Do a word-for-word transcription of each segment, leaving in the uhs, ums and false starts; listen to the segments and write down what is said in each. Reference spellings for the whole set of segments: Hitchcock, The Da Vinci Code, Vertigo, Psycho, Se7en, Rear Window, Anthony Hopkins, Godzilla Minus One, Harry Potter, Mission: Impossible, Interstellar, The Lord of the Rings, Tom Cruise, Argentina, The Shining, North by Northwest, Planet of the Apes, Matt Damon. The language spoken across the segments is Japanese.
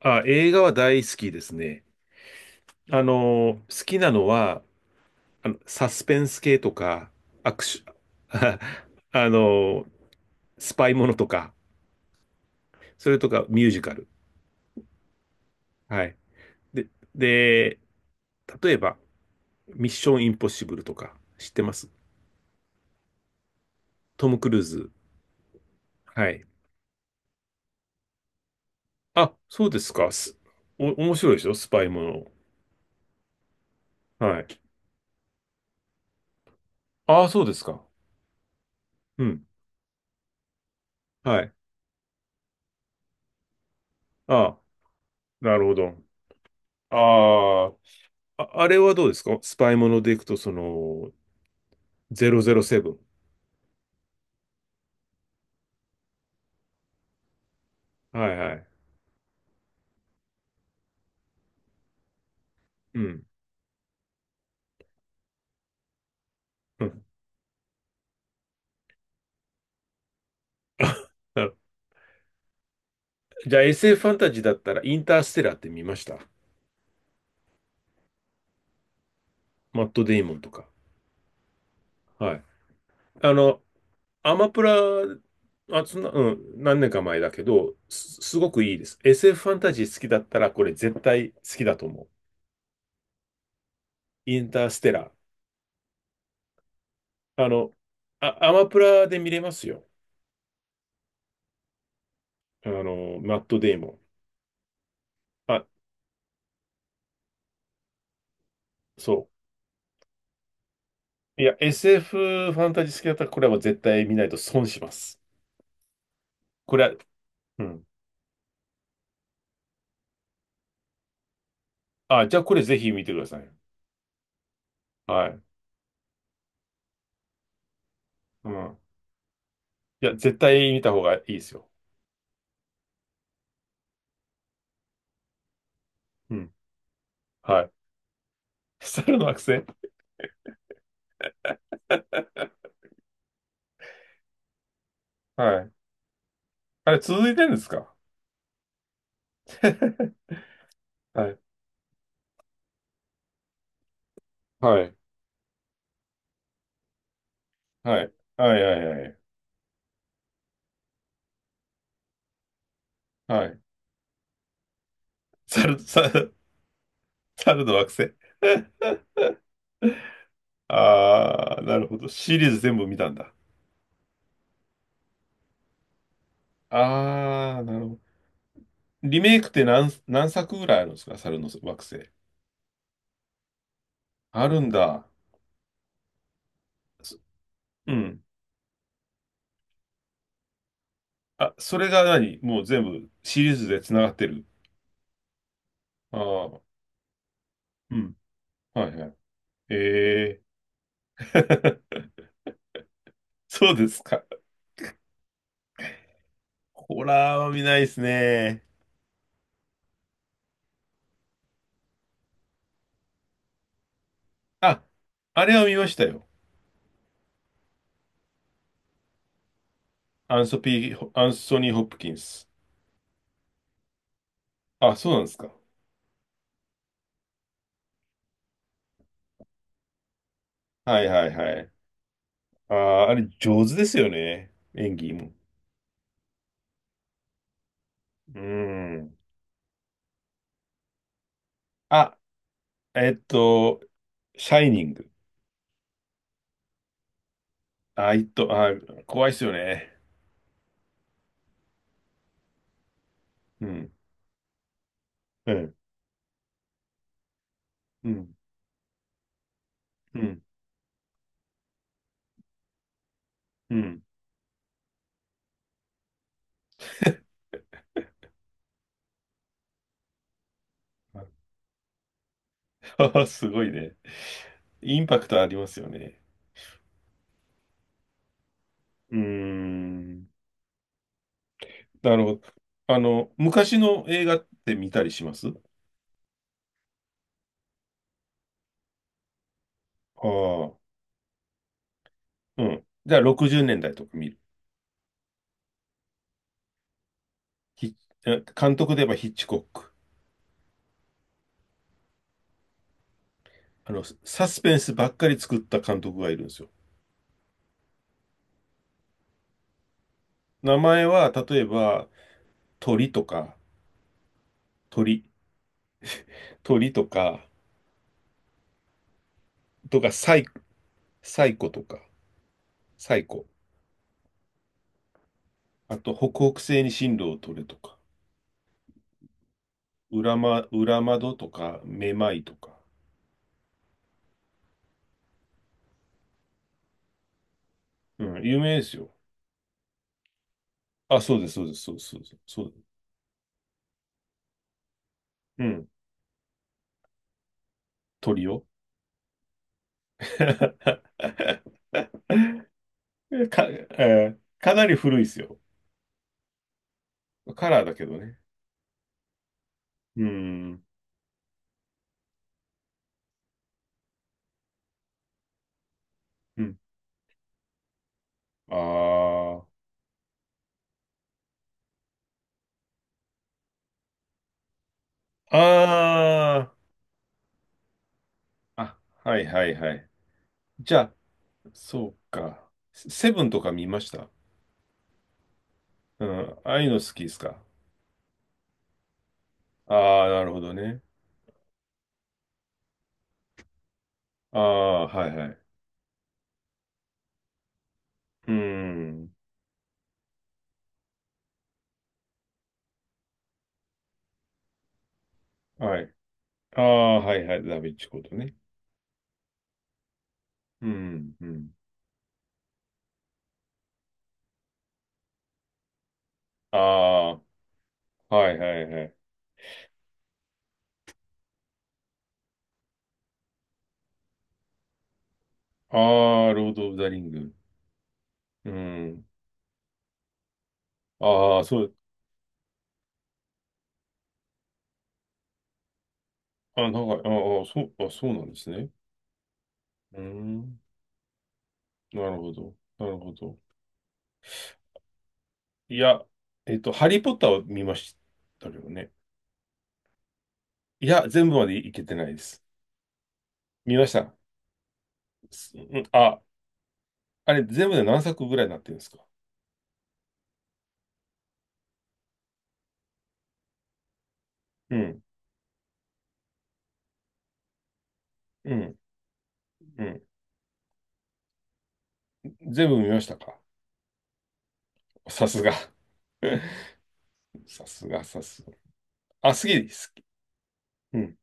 あ、映画は大好きですね。あの、好きなのは、あの、サスペンス系とか、アクション、あの、スパイものとか、それとかミュージカル。はい。で、で、例えば、ミッションインポッシブルとか、知ってます？トム・クルーズ。はい。あ、そうですか。す、お、面白いでしょ？スパイもの。はい。ああ、そうですか。うん。はい。ああ、なるほど。ああ、あ、あれはどうですか？スパイものでいくと、その、ダブルオーセブン。はいはい。うん。うんなるじゃあ エスエフ フファンタジーだったら、インターステラーって見ました？マット・デイモンとか。はい。あの、アマプラ、あ、そんな、うん、何年か前だけど、す、すごくいいです。エスエフ フファンタジー好きだったら、これ絶対好きだと思う。インターステラー。あの、あ、アマプラで見れますよ。あの、マット・デイモン。あ、そう。いや、エスエフ フファンタジー好きだったら、これはもう絶対見ないと損します。これは、うん。あ、じゃあこれぜひ見てください。はい。うん。いや、絶対見た方がいいですよ。うん。はい。猿の惑星 はい。あれ、続いてるんですか？ はい。はい。はい。はい。はい。はい。はい。猿、猿、猿の惑星 あー、なるほど。シリーズ全部見たんだ。あー、なるほど。リメイクって何、何作ぐらいあるんですか？猿の惑星。あるんだ。そうん。あ、それが何もう全部シリーズで繋がってる。ああ、うん。はいはい。ええ そうですか。ホラーは見ないですね。あ、あれは見ましたよ。アンソピー、アンソニー・ホップキンス。あ、そうなんですか。はいはいはい。ああ、あれ上手ですよね。演技も。うん。あ、えっと、シャイニング。あ、いっと、あ、怖いっすよね。うん。うん。うん。うん。うん。すごいね。インパクトありますよね。うーん。なるほど。あの、昔の映画って見たりします？ああ、うん。じゃあろくじゅうねんだいとか見る？ヒッ監督で言えばヒッチコック。あの、サスペンスばっかり作った監督がいるんですよ。名前は、例えば、鳥とか、鳥、鳥とか、とか、サイ、サイコとか、サイコ。あと、北北西に進路を取れとか、裏ま、裏窓とか、めまいとか。うん、有名ですよ。あ、そうです、そうです、そうです、そうです。そうですうん、鳥よ。か、えーかなり古いですよ。カラーだけどね。うん、うん。ああ、ああ、あ、はいはいはい。じゃあ、そうか。セセブンとか見ました？うん、ああいうの好きですか？ああ、なるほどね。ああ、はいはい。うん、はい。ああ、はいはい。ダヴィンチコードね。うん、うん。ああ、はいはいはい。ああ、ロード・オブ・ザ・リング。うん。ああ、そう、あ、なんか、ああ、そう、あ、そうなんですね。うん。なるほど。なるほど。いや、えっと、ハリー・ポッターを見ましたけどね。いや、全部までいけてないです。見ました。すうん、あ、あれ、全部で何作ぐらいになってるんですか？うん、うん、うん。全部見ましたか？さすが。さすが、さすが。あ、好きです。好きうん、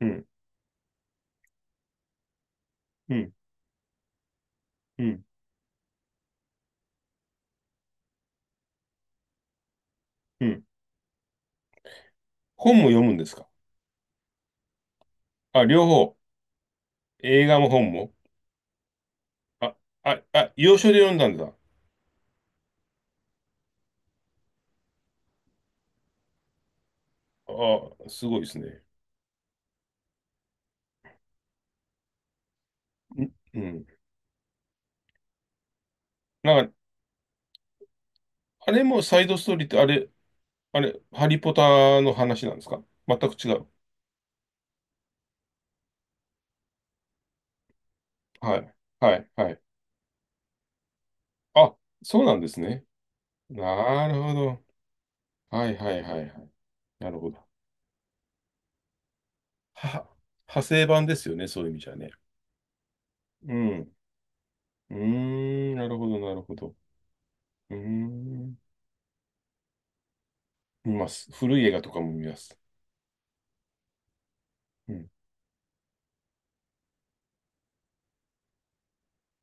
うん、うん、うん、うん。本も読むんですか？あ、両方。映画も本も。あ、あ、あ、洋書で読んだんだ。あ、すごいですね。うん。なんか、あれもサイドストーリーって、あれ、あれ、ハリポタの話なんですか？全く違う？はい。はい。はい。あ、そうなんですね。なるほど。はいはいはいはい。なるほど。は、派生版ですよね、そういう意味じゃね。うん。うーん、なるほど、なるほど。うーん。見ます。古い映画とかも見ます。うん。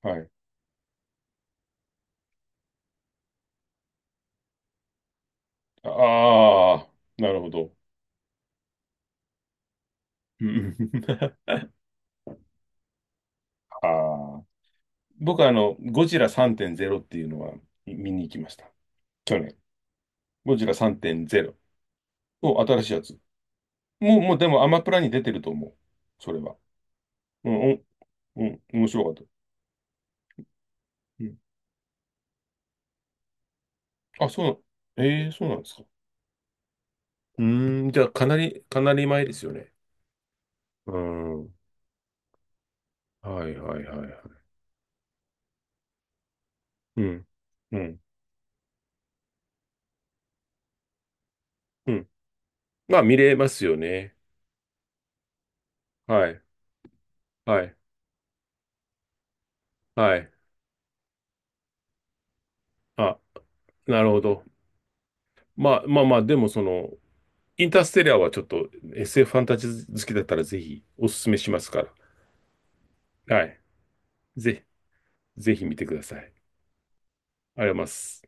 はい。ああ、なるほど。うんうんあ あー、僕はあの、ゴジラさんてんゼロっていうのは見に行きました。去年。ゴジラさんてんゼロを新しいやつ。もう、もうでもアマプラに出てると思う。それは。うん、うん、うん面白かった。うん。あ、そうな、ええそうなんですか。うーん、じゃあかなり、かなり前ですよね。うん。はいはいはいはい。うん、うん、うん。まあ見れますよね。はい、はい、はい。あ、なるほど。まあまあまあ、でもその、インターステラーはちょっと エスエフ フファンタジー好きだったらぜひおすすめしますから。はい。ぜ、ぜひ見てください。ありがとうございます。